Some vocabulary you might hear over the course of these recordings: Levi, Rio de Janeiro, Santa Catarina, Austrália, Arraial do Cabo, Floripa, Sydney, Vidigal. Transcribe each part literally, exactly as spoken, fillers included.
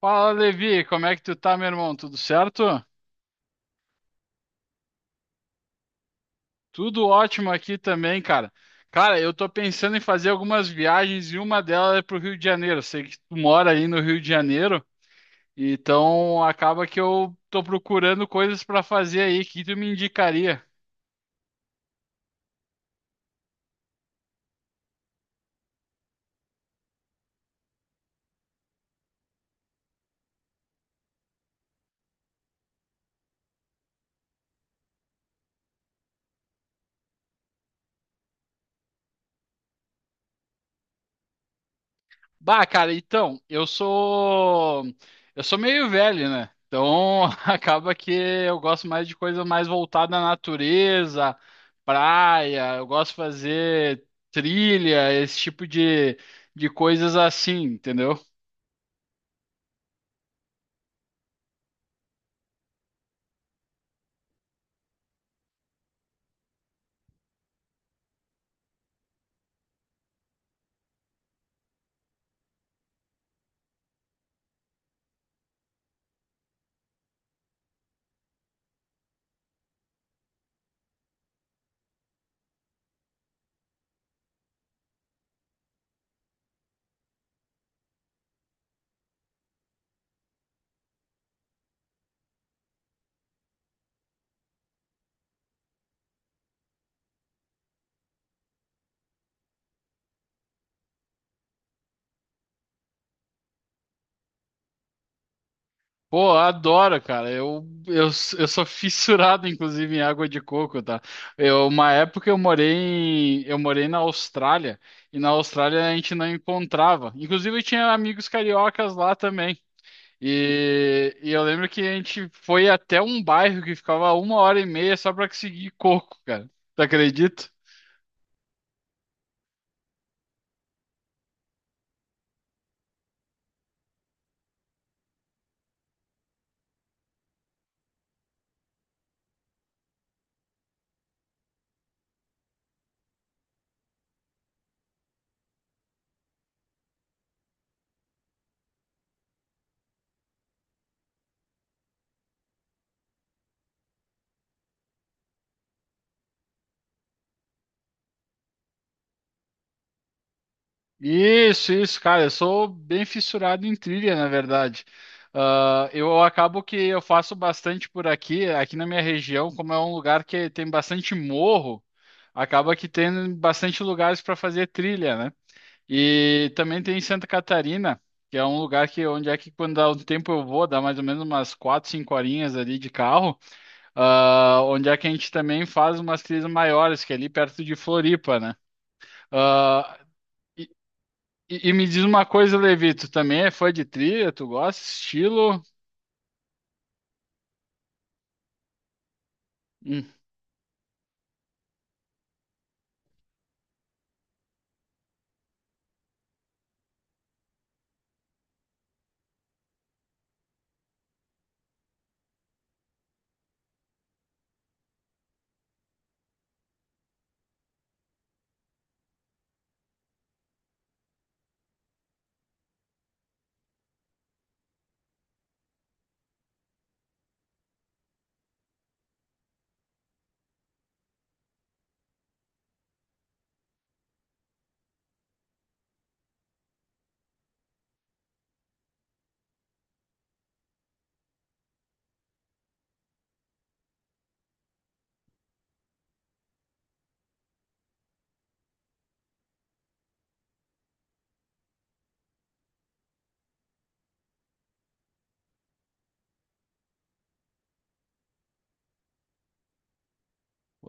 Fala, Levi, como é que tu tá, meu irmão? Tudo certo? Tudo ótimo aqui também, cara. Cara, eu tô pensando em fazer algumas viagens e uma delas é pro Rio de Janeiro. Eu sei que tu mora aí no Rio de Janeiro, então acaba que eu tô procurando coisas pra fazer aí. O que tu me indicaria? Bah, cara, então, eu sou eu sou meio velho, né? Então, acaba que eu gosto mais de coisa mais voltada à natureza, praia, eu gosto de fazer trilha, esse tipo de, de coisas assim, entendeu? Pô, eu adoro, cara. Eu, eu, eu sou fissurado, inclusive, em água de coco, tá? Eu, uma época eu morei em, eu morei na Austrália, e na Austrália a gente não encontrava. Inclusive, eu tinha amigos cariocas lá também. E, e eu lembro que a gente foi até um bairro que ficava uma hora e meia só pra conseguir coco, cara. Tu acredita? Isso, isso, cara. Eu sou bem fissurado em trilha, na verdade. Ah, eu acabo que eu faço bastante por aqui, aqui na minha região, como é um lugar que tem bastante morro, acaba que tem bastante lugares para fazer trilha, né? E também tem Santa Catarina, que é um lugar que onde é que quando dá um tempo eu vou, dá mais ou menos umas quatro, cinco horinhas ali de carro. Ah, onde é que a gente também faz umas trilhas maiores, que é ali perto de Floripa, né? Ah, e, e- e me diz uma coisa, Levi, tu também é fã de trilha? Tu gosta? Estilo? Hum,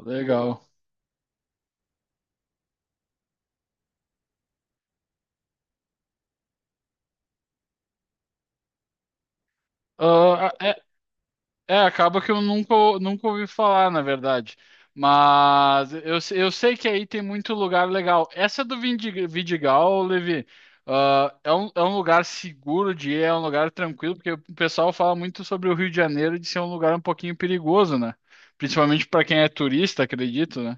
legal. Ah, é, acaba que eu nunca, nunca ouvi falar, na verdade. Mas eu, se- eu sei que aí tem muito lugar legal. Essa do Vindig- Vidigal, Levi, ah, é um, é um lugar seguro de ir, é um lugar tranquilo, porque o pessoal fala muito sobre o Rio de Janeiro de ser um lugar um pouquinho perigoso, né? Principalmente para quem é turista, acredito, né?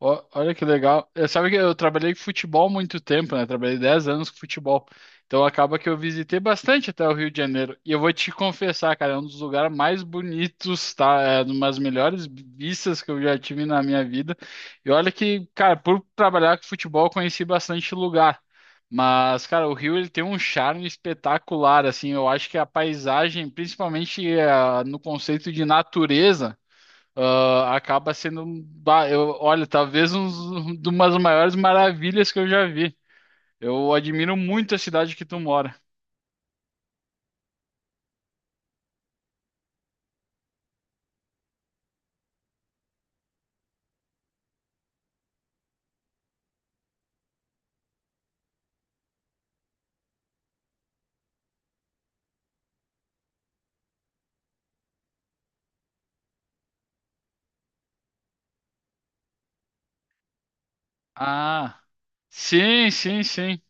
Ó, olha que legal. Eu, sabe que eu trabalhei com futebol há muito tempo, né? Trabalhei dez anos com futebol. Então acaba que eu visitei bastante até o Rio de Janeiro. E eu vou te confessar, cara, é um dos lugares mais bonitos, tá? É uma das melhores vistas que eu já tive na minha vida. E olha que, cara, por trabalhar com futebol, eu conheci bastante lugar. Mas, cara, o Rio ele tem um charme espetacular, assim. Eu acho que a paisagem, principalmente eh, no conceito de natureza ah, acaba sendo, um- bah, eu, olha, talvez um, de umas maiores maravilhas que eu já vi. Eu admiro muito a cidade que tu mora. Ah, sim, sim, sim.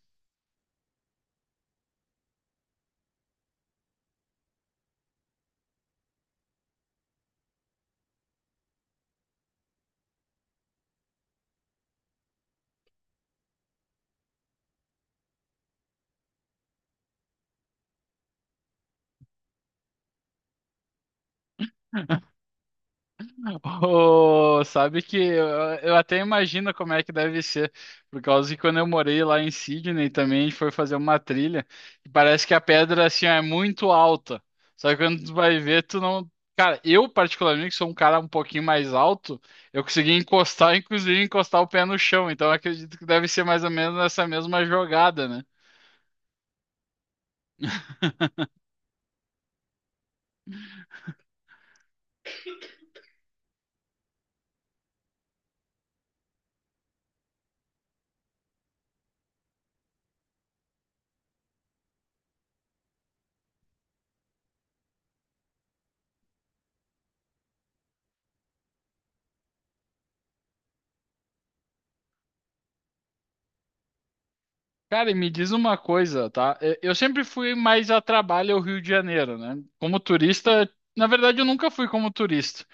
Ô, sabe que eu, eu até imagino como é que deve ser, por causa que quando eu morei lá em Sydney também, a gente foi fazer uma trilha, e parece que a pedra assim ó, é muito alta. Só que quando tu vai ver, tu não. Cara, eu particularmente, que sou um cara um pouquinho mais alto, eu consegui encostar, inclusive encostar o pé no chão, então eu acredito que deve ser mais ou menos essa mesma jogada, né? Cara, e me diz uma coisa, tá? Eu eu sempre fui mais a trabalho ao Rio de Janeiro, né? Como turista, na verdade, eu nunca fui como turista.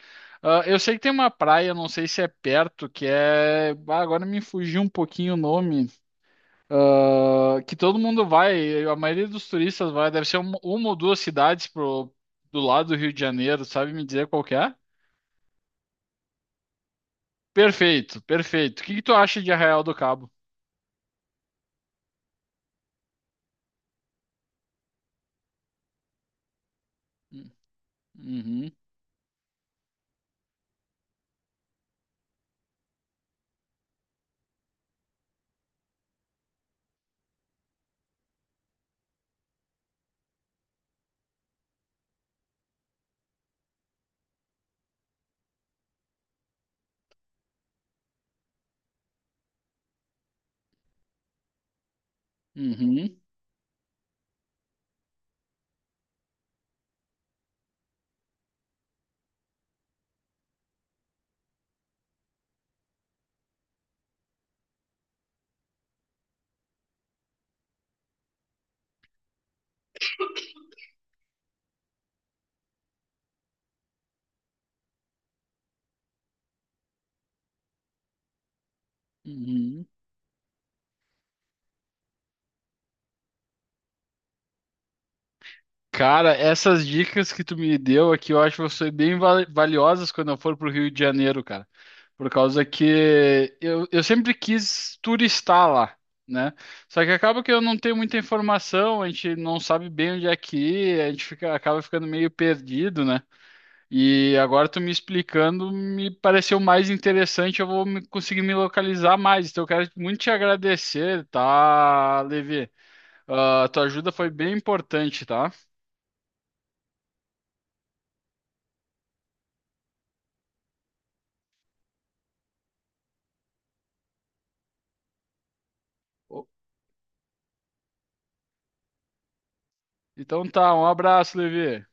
Ah, eu sei que tem uma praia, não sei se é perto, que é. Ah, agora me fugiu um pouquinho o nome. Ah, que todo mundo vai, a maioria dos turistas vai, deve ser uma, uma ou duas cidades pro, do lado do Rio de Janeiro, sabe me dizer qual que é? Perfeito, perfeito. O que que tu acha de Arraial do Cabo? Hum. Uhum, uhum, uhum. Cara, essas dicas que tu me deu aqui, eu acho que vão ser bem val- valiosas quando eu for pro Rio de Janeiro, cara. Por causa que eu, eu sempre quis turistar lá, né? Só que acaba que eu não tenho muita informação, a gente não sabe bem onde é que ir, a gente fica, acaba ficando meio perdido, né? E agora tu me explicando, me pareceu mais interessante, eu vou me- conseguir me localizar mais. Então eu quero muito te agradecer, tá, Levi? Ah, tua ajuda foi bem importante, tá? Então tá, um abraço, Levi.